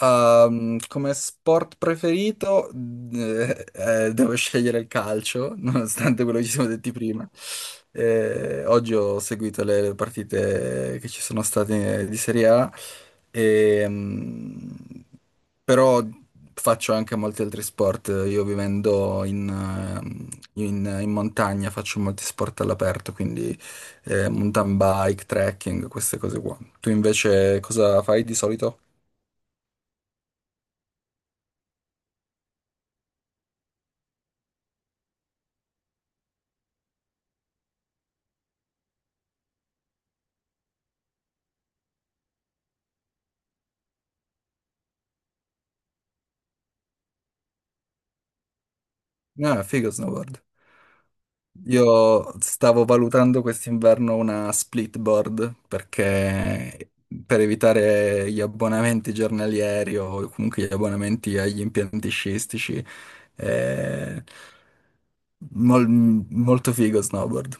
Come sport preferito, devo scegliere il calcio, nonostante quello che ci siamo detti prima. Oggi ho seguito le partite che ci sono state di Serie A, ehm, però faccio anche molti altri sport. Io vivendo in montagna faccio molti sport all'aperto, quindi mountain bike, trekking, queste cose qua. Tu invece cosa fai di solito? Ah, figo snowboard. Io stavo valutando quest'inverno una split board perché per evitare gli abbonamenti giornalieri o comunque gli abbonamenti agli impianti sciistici, è mol- molto figo snowboard.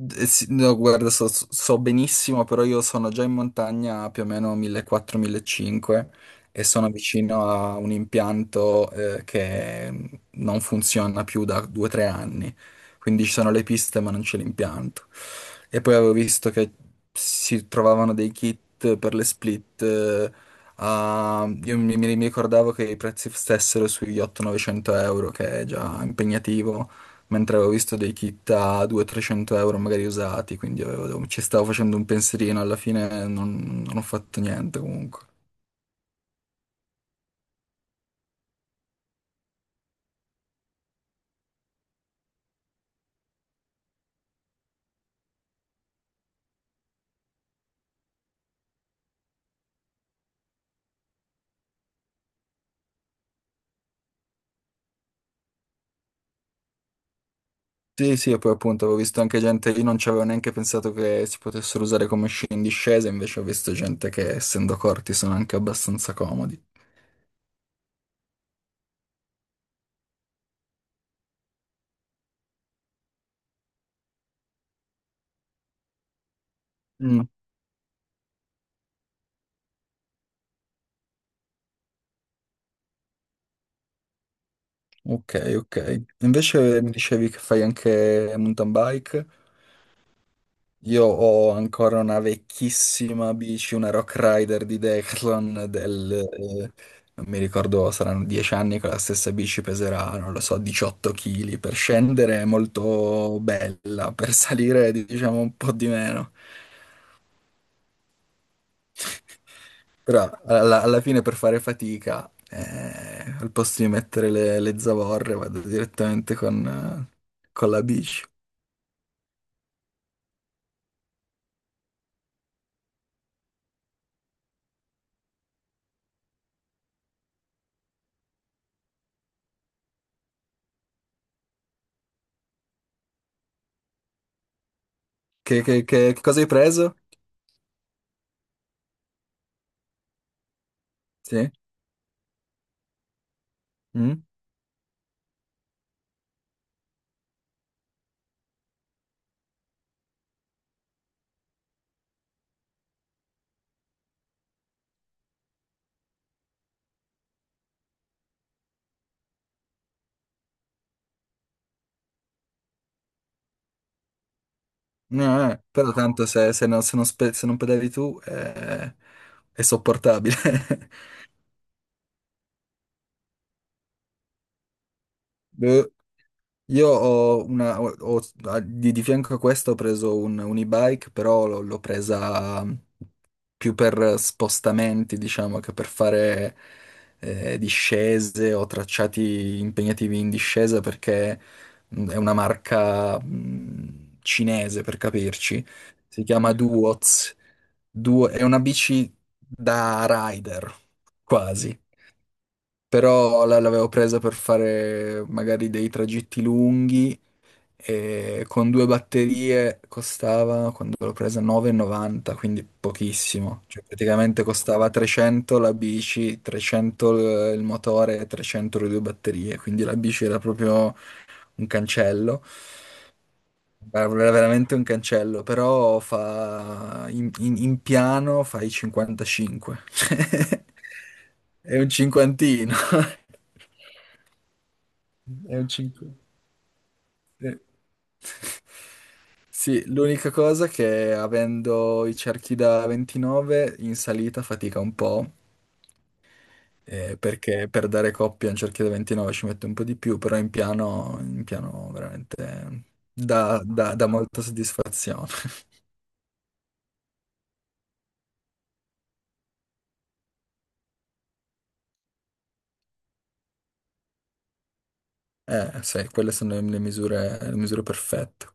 Eh sì, no, guarda, so benissimo, però io sono già in montagna più o meno 1400-1500 e sono vicino a un impianto, che non funziona più da 2-3 anni. Quindi ci sono le piste, ma non c'è l'impianto. E poi avevo visto che si trovavano dei kit per le split. Io mi ricordavo che i prezzi stessero sugli 800-900 euro, che è già impegnativo, mentre avevo visto dei kit a 200-300 euro magari usati, quindi ci stavo facendo un pensierino. Alla fine non ho fatto niente comunque. Sì, sì, e poi appunto avevo visto anche gente. Io non ci avevo neanche pensato che si potessero usare come sci in discesa, invece ho visto gente che, essendo corti, sono anche abbastanza comodi. Mm, ok, ok. Invece mi dicevi che fai anche mountain bike? Io ho ancora una vecchissima bici, una Rock Rider di Decathlon del, non mi ricordo, saranno 10 anni. Con la stessa bici peserà, non lo so, 18 kg. Per scendere è molto bella, per salire è, diciamo, un po' di meno. Però alla fine per fare fatica, al posto di mettere le zavorre, vado direttamente con la bici. Che cosa hai preso? Sì? Mm? No, però tanto se non pedali tu, è sopportabile. Io ho una, di fianco a questo ho preso un e-bike, però l'ho presa, più per spostamenti, diciamo, che per fare discese o tracciati impegnativi in discesa, perché è una marca, cinese, per capirci. Si chiama Duoz. È una bici da rider, quasi. Però l'avevo presa per fare magari dei tragitti lunghi, e con due batterie costava, quando l'ho presa, 9,90, quindi pochissimo. Cioè praticamente costava 300 la bici, 300 il motore e 300 le due batterie, quindi la bici era proprio un cancello. Era veramente un cancello, però fa, in piano fai 55. È un cinquantino. È un cinquantino. Sì. Sì, l'unica cosa è che avendo i cerchi da 29 in salita fatica un po', perché per dare coppia a un cerchio da 29 ci mette un po' di più, però in piano veramente dà molta soddisfazione. Sì, quelle sono le misure perfette.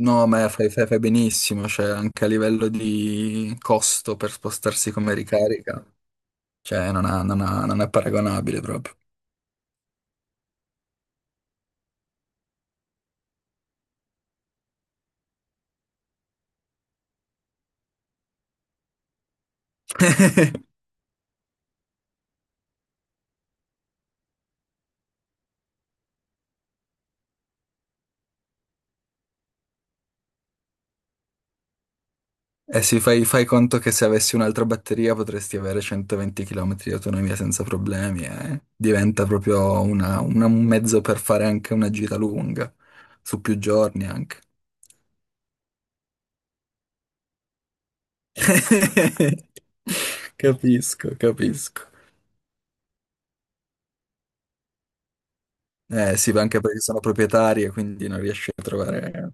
No, ma fai benissimo, cioè anche a livello di costo per spostarsi come ricarica, cioè non è paragonabile proprio. Eh sì, fai conto che se avessi un'altra batteria potresti avere 120 km di autonomia senza problemi, eh. Diventa proprio un mezzo per fare anche una gita lunga, su più giorni anche. Capisco, capisco. Eh sì, ma anche perché sono proprietarie, quindi non riesci a trovare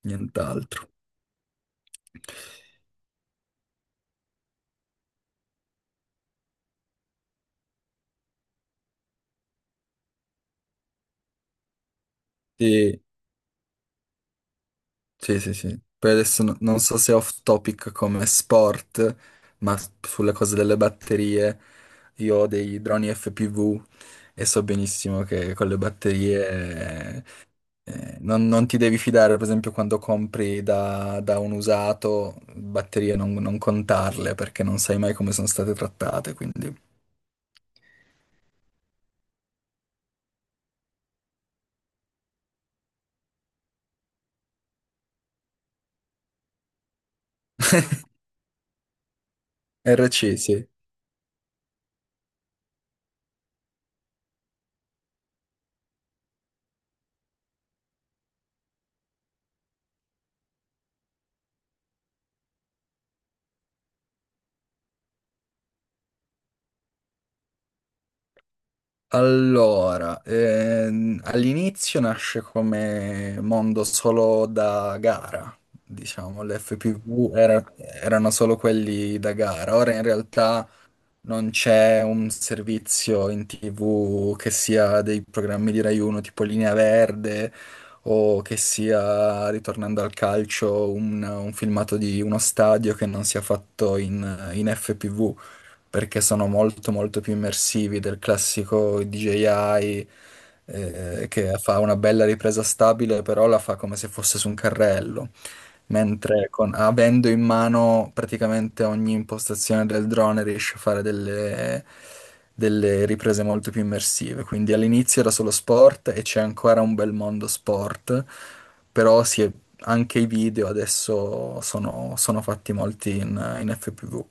nient'altro. Sì. Sì, sì, sì. Poi adesso non so se è off topic come sport, ma sulle cose delle batterie, io ho dei droni FPV e so benissimo che con le batterie, non ti devi fidare, per esempio, quando compri da, da un usato, batterie non contarle perché non sai mai come sono state trattate, quindi. RC, sì. Allora, all'inizio nasce come mondo solo da gara, diciamo. Le FPV erano solo quelli da gara. Ora in realtà non c'è un servizio in TV che sia dei programmi di Rai 1 tipo Linea Verde, o che sia, ritornando al calcio, un filmato di uno stadio che non sia fatto in FPV, perché sono molto molto più immersivi del classico DJI, che fa una bella ripresa stabile, però la fa come se fosse su un carrello, mentre avendo in mano praticamente ogni impostazione del drone riesce a fare delle riprese molto più immersive. Quindi all'inizio era solo sport e c'è ancora un bel mondo sport, però anche i video adesso sono fatti molti in FPV.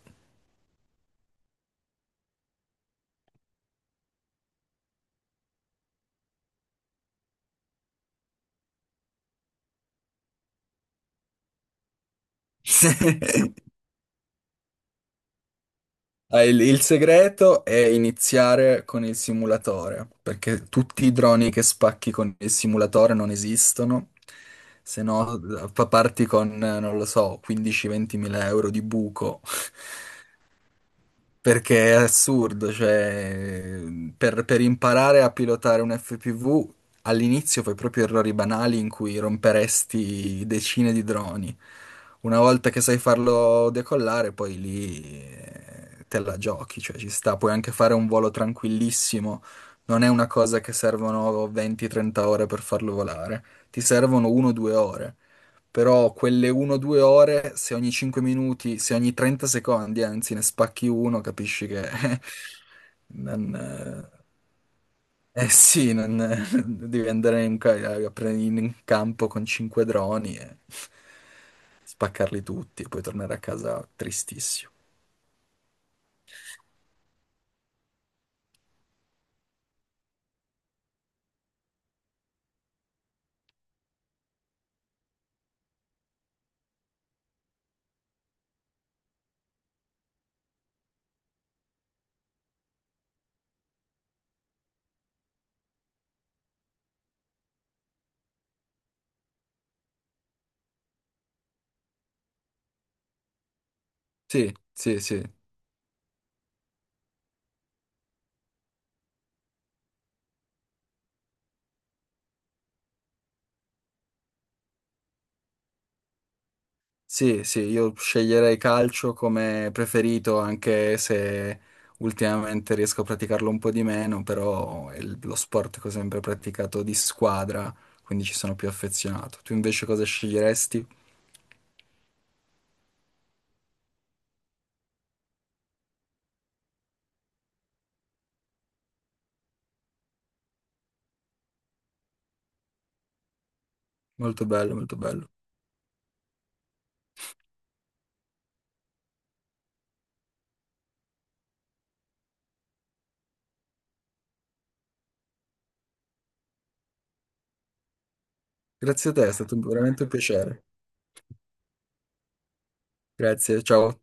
Ah, il segreto è iniziare con il simulatore, perché tutti i droni che spacchi con il simulatore non esistono, se no parti con, non lo so, 15-20 mila euro di buco. Perché è assurdo, cioè per imparare a pilotare un FPV all'inizio fai proprio errori banali in cui romperesti decine di droni. Una volta che sai farlo decollare, poi lì, te la giochi, cioè ci sta, puoi anche fare un volo tranquillissimo. Non è una cosa che servono 20-30 ore per farlo volare, ti servono 1-2 ore. Però quelle 1-2 ore, se ogni 5 minuti, se ogni 30 secondi, anzi, ne spacchi uno, capisci che non, eh sì, non, devi andare a prendere in campo con cinque droni e spaccarli tutti e poi tornare a casa tristissimo. Sì, sì, sì. Sì, sì, io sceglierei calcio come preferito, anche se ultimamente riesco a praticarlo un po' di meno, però è lo sport che ho sempre praticato di squadra, quindi ci sono più affezionato. Tu invece cosa sceglieresti? Molto bello, molto bello. Grazie a te, è stato veramente un piacere. Grazie, ciao.